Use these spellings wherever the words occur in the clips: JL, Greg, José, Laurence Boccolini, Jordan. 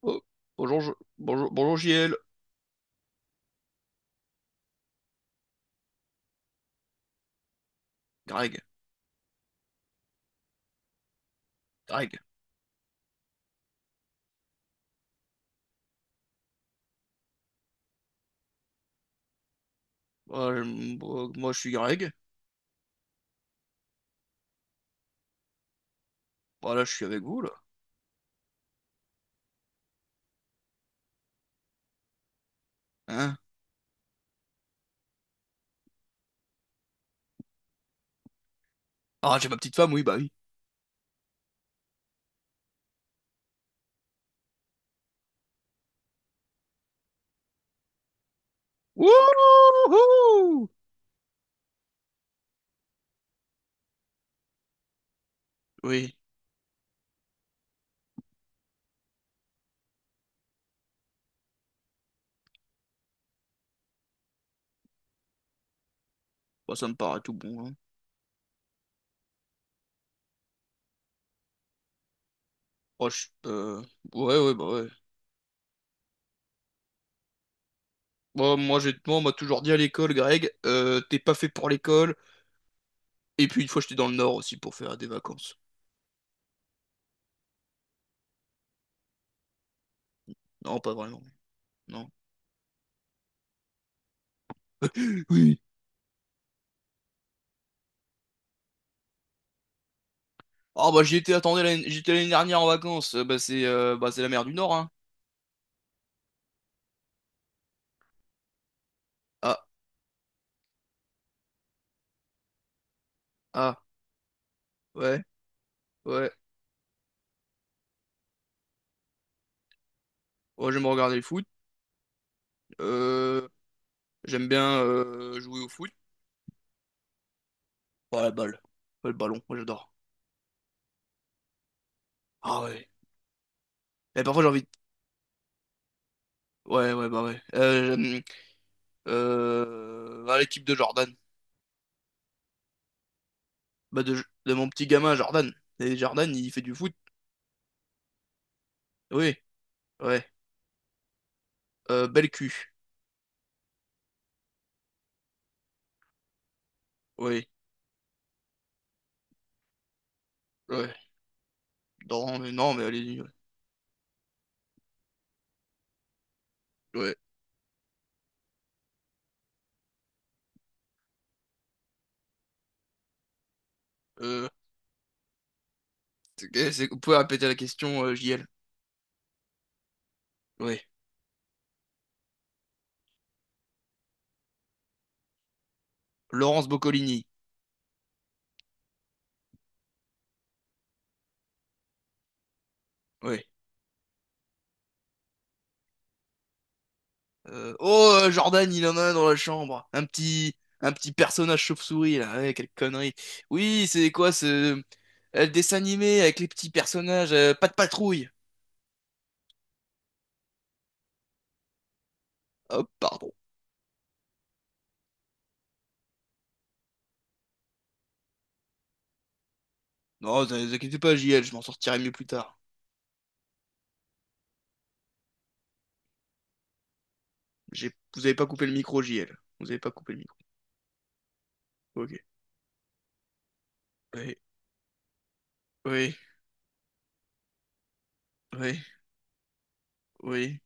Oh, bonjour, bonjour, bonjour JL. Greg, Greg. Moi, je suis Greg. Voilà, je suis avec vous, là. Hein? Ah, j'ai ma petite femme, oui, bah oui. Wouhou! Oui, bah ça me paraît tout bon, hein. moi je- euh, Ouais, ouais, bah ouais. Moi, on m'a toujours dit à l'école, Greg, t'es pas fait pour l'école. Et puis, une fois, j'étais dans le Nord aussi pour faire des vacances. Non, pas vraiment. Non. Oui. Ah, bah, j'y étais, attendez, j'y étais l'année dernière en vacances. Bah, c'est la mer du Nord, hein. Ah, ah, ouais, ouais. Ouais, j'aime regarder le foot. Euh, j'aime bien jouer au foot. Ouais, la balle. Ouais, le ballon, moi j'adore. Ah ouais. Et parfois j'ai envie de... Ouais, ouais, bah ouais. À l'équipe de Jordan. Bah de mon petit gamin Jordan. Et Jordan, il fait du foot. Oui, ouais. Bel cul. Oui, ouais. Non, mais non, mais allez-y. Ouais. Ouais. Euh, vous pouvez répéter la question, JL. Oui. Laurence Boccolini. Oui. Oh, Jordan, il en a un dans la chambre. Un petit personnage chauve-souris, là. Ouais, quelle connerie. Oui, c'est quoi ce... euh, Le dessin animé avec les petits personnages. Pas de patrouille. Oh, pardon. Non, ne vous inquiétez pas, JL, je m'en sortirai mieux plus tard. J'ai... Vous avez pas coupé le micro, JL. Vous avez pas coupé le micro. Ok. Oui, oui, oui, oui.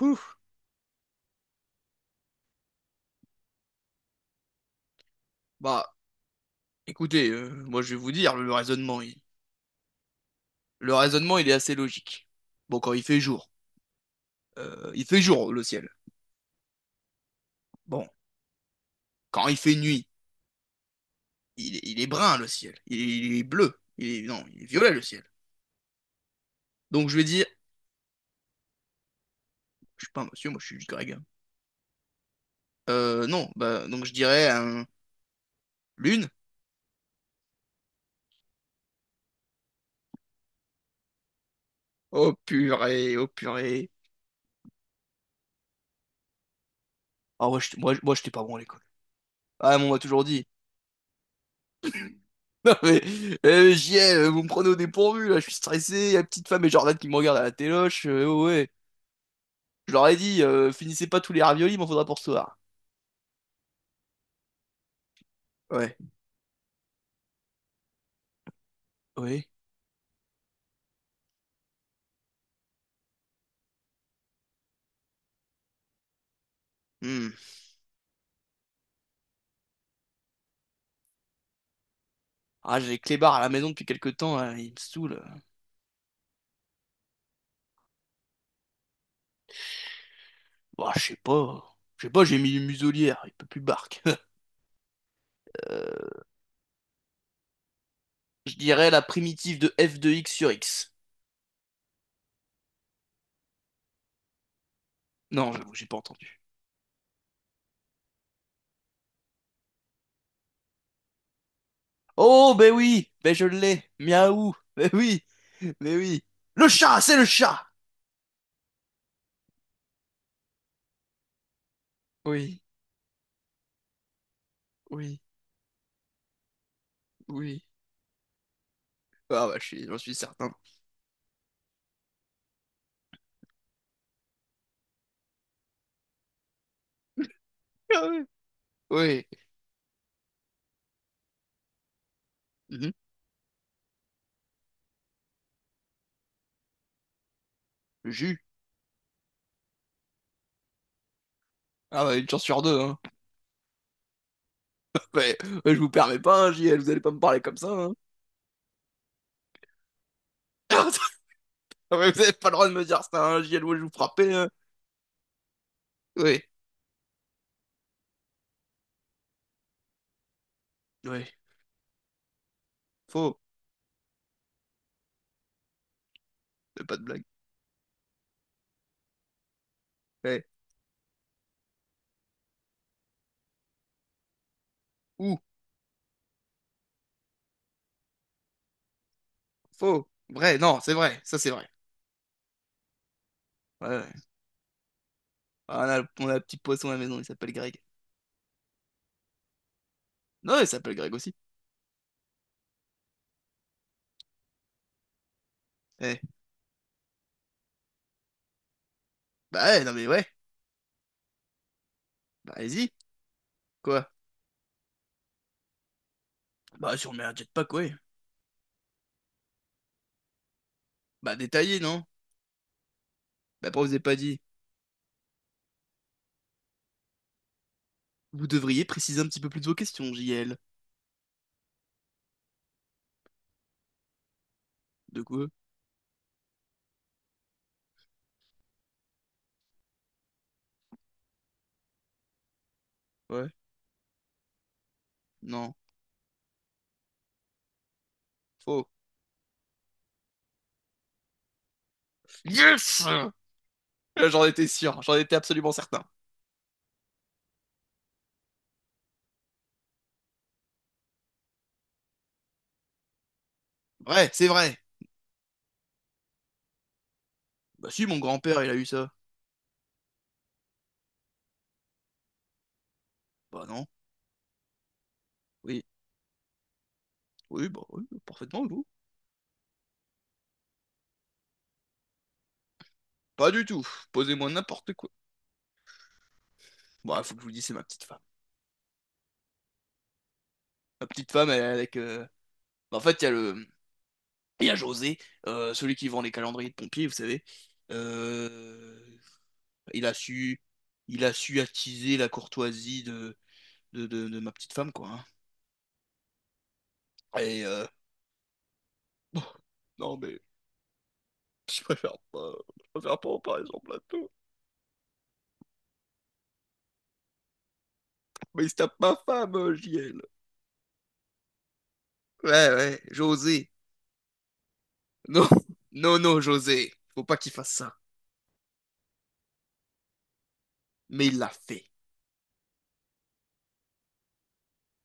Ouh. Bah, écoutez, moi je vais vous dire, le raisonnement, il est assez logique. Bon, quand il fait jour, le ciel. Bon, quand il fait nuit, il est brun le ciel. Il est bleu. Il est, non, il est violet le ciel. Donc je vais dire, je suis pas un monsieur, moi je suis Greg, hein. Non, bah, donc je dirais un lune. Oh purée, oh purée. Ah ouais, moi j'étais pas bon à l'école. Ah, mais on m'a toujours dit. Non mais, JL, vous me prenez au dépourvu là, je suis stressé, la petite femme et Jordan qui me regardent à la téloche, oh ouais. Je leur ai dit, finissez pas tous les raviolis, m'en faudra pour ce soir. Ouais. Oui. Hmm. Ah, j'ai les clébards à la maison depuis quelque temps, hein, ils me saoulent. Bah, je sais pas. Je sais pas, j'ai mis une muselière, il peut plus barque. Euh, je dirais la primitive de f de x sur x. Non, j'avoue, j'ai pas entendu. Oh, ben oui, ben je l'ai. Miaou, ben oui, ben oui. Le chat, c'est le chat! Oui, oui, oui. Ah bah, j'en suis certain. Ah ouais. Oui. Mhm. Le jus. Ah bah, une chance sur deux, hein. Mais, mais je vous permets pas, hein, JL, vous allez pas me parler comme ça, hein. Ah ouais, vous avez pas le droit de me dire ça, hein, JL, ouais, je vous frappais, hein. Oui, oui. Faux. C'est pas de blague. Ouais. Ou, faux, vrai, non, c'est vrai, ça c'est vrai. Ouais, ouais. Ah, on a un petit poisson à la maison, il s'appelle Greg. Non, il s'appelle Greg aussi. Eh, bah ouais, non mais ouais, bah allez-y, quoi? Bah si on met un jetpack, ouais. Bah détaillé, non? Bah pourquoi vous avez pas dit? Vous devriez préciser un petit peu plus de vos questions, JL. De quoi? Ouais, non, faux. Yes! Là, j'en étais sûr, j'en étais absolument certain. Vrai, c'est vrai. Bah si, mon grand-père, il a eu ça. Bah non, oui, oui, bah oui, parfaitement, vous. Pas du tout, posez-moi n'importe quoi. Bah, faut que je vous dise, c'est ma petite femme. La petite femme elle avec. Bah, en fait, il y a José, celui qui vend les calendriers de pompiers, vous savez. Euh, il a su, il a su attiser la courtoisie de, de ma petite femme, quoi, hein. Et euh, bon, non mais je préfère pas, je préfère pas en parler sur le plateau. Mais il se tape ma femme, JL. Ouais, ouais, José. Non, non, non, José. Faut pas qu'il fasse ça. Mais il l'a fait.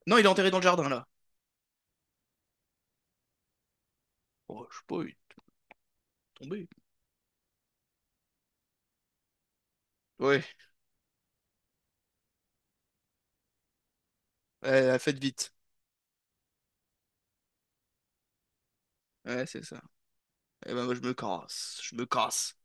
Non, il est enterré dans le jardin là. Oh, je sais pas, il est tombé. Ouais, ouais, faites vite. Ouais, c'est ça. Eh ben, moi, je me casse. Je me casse.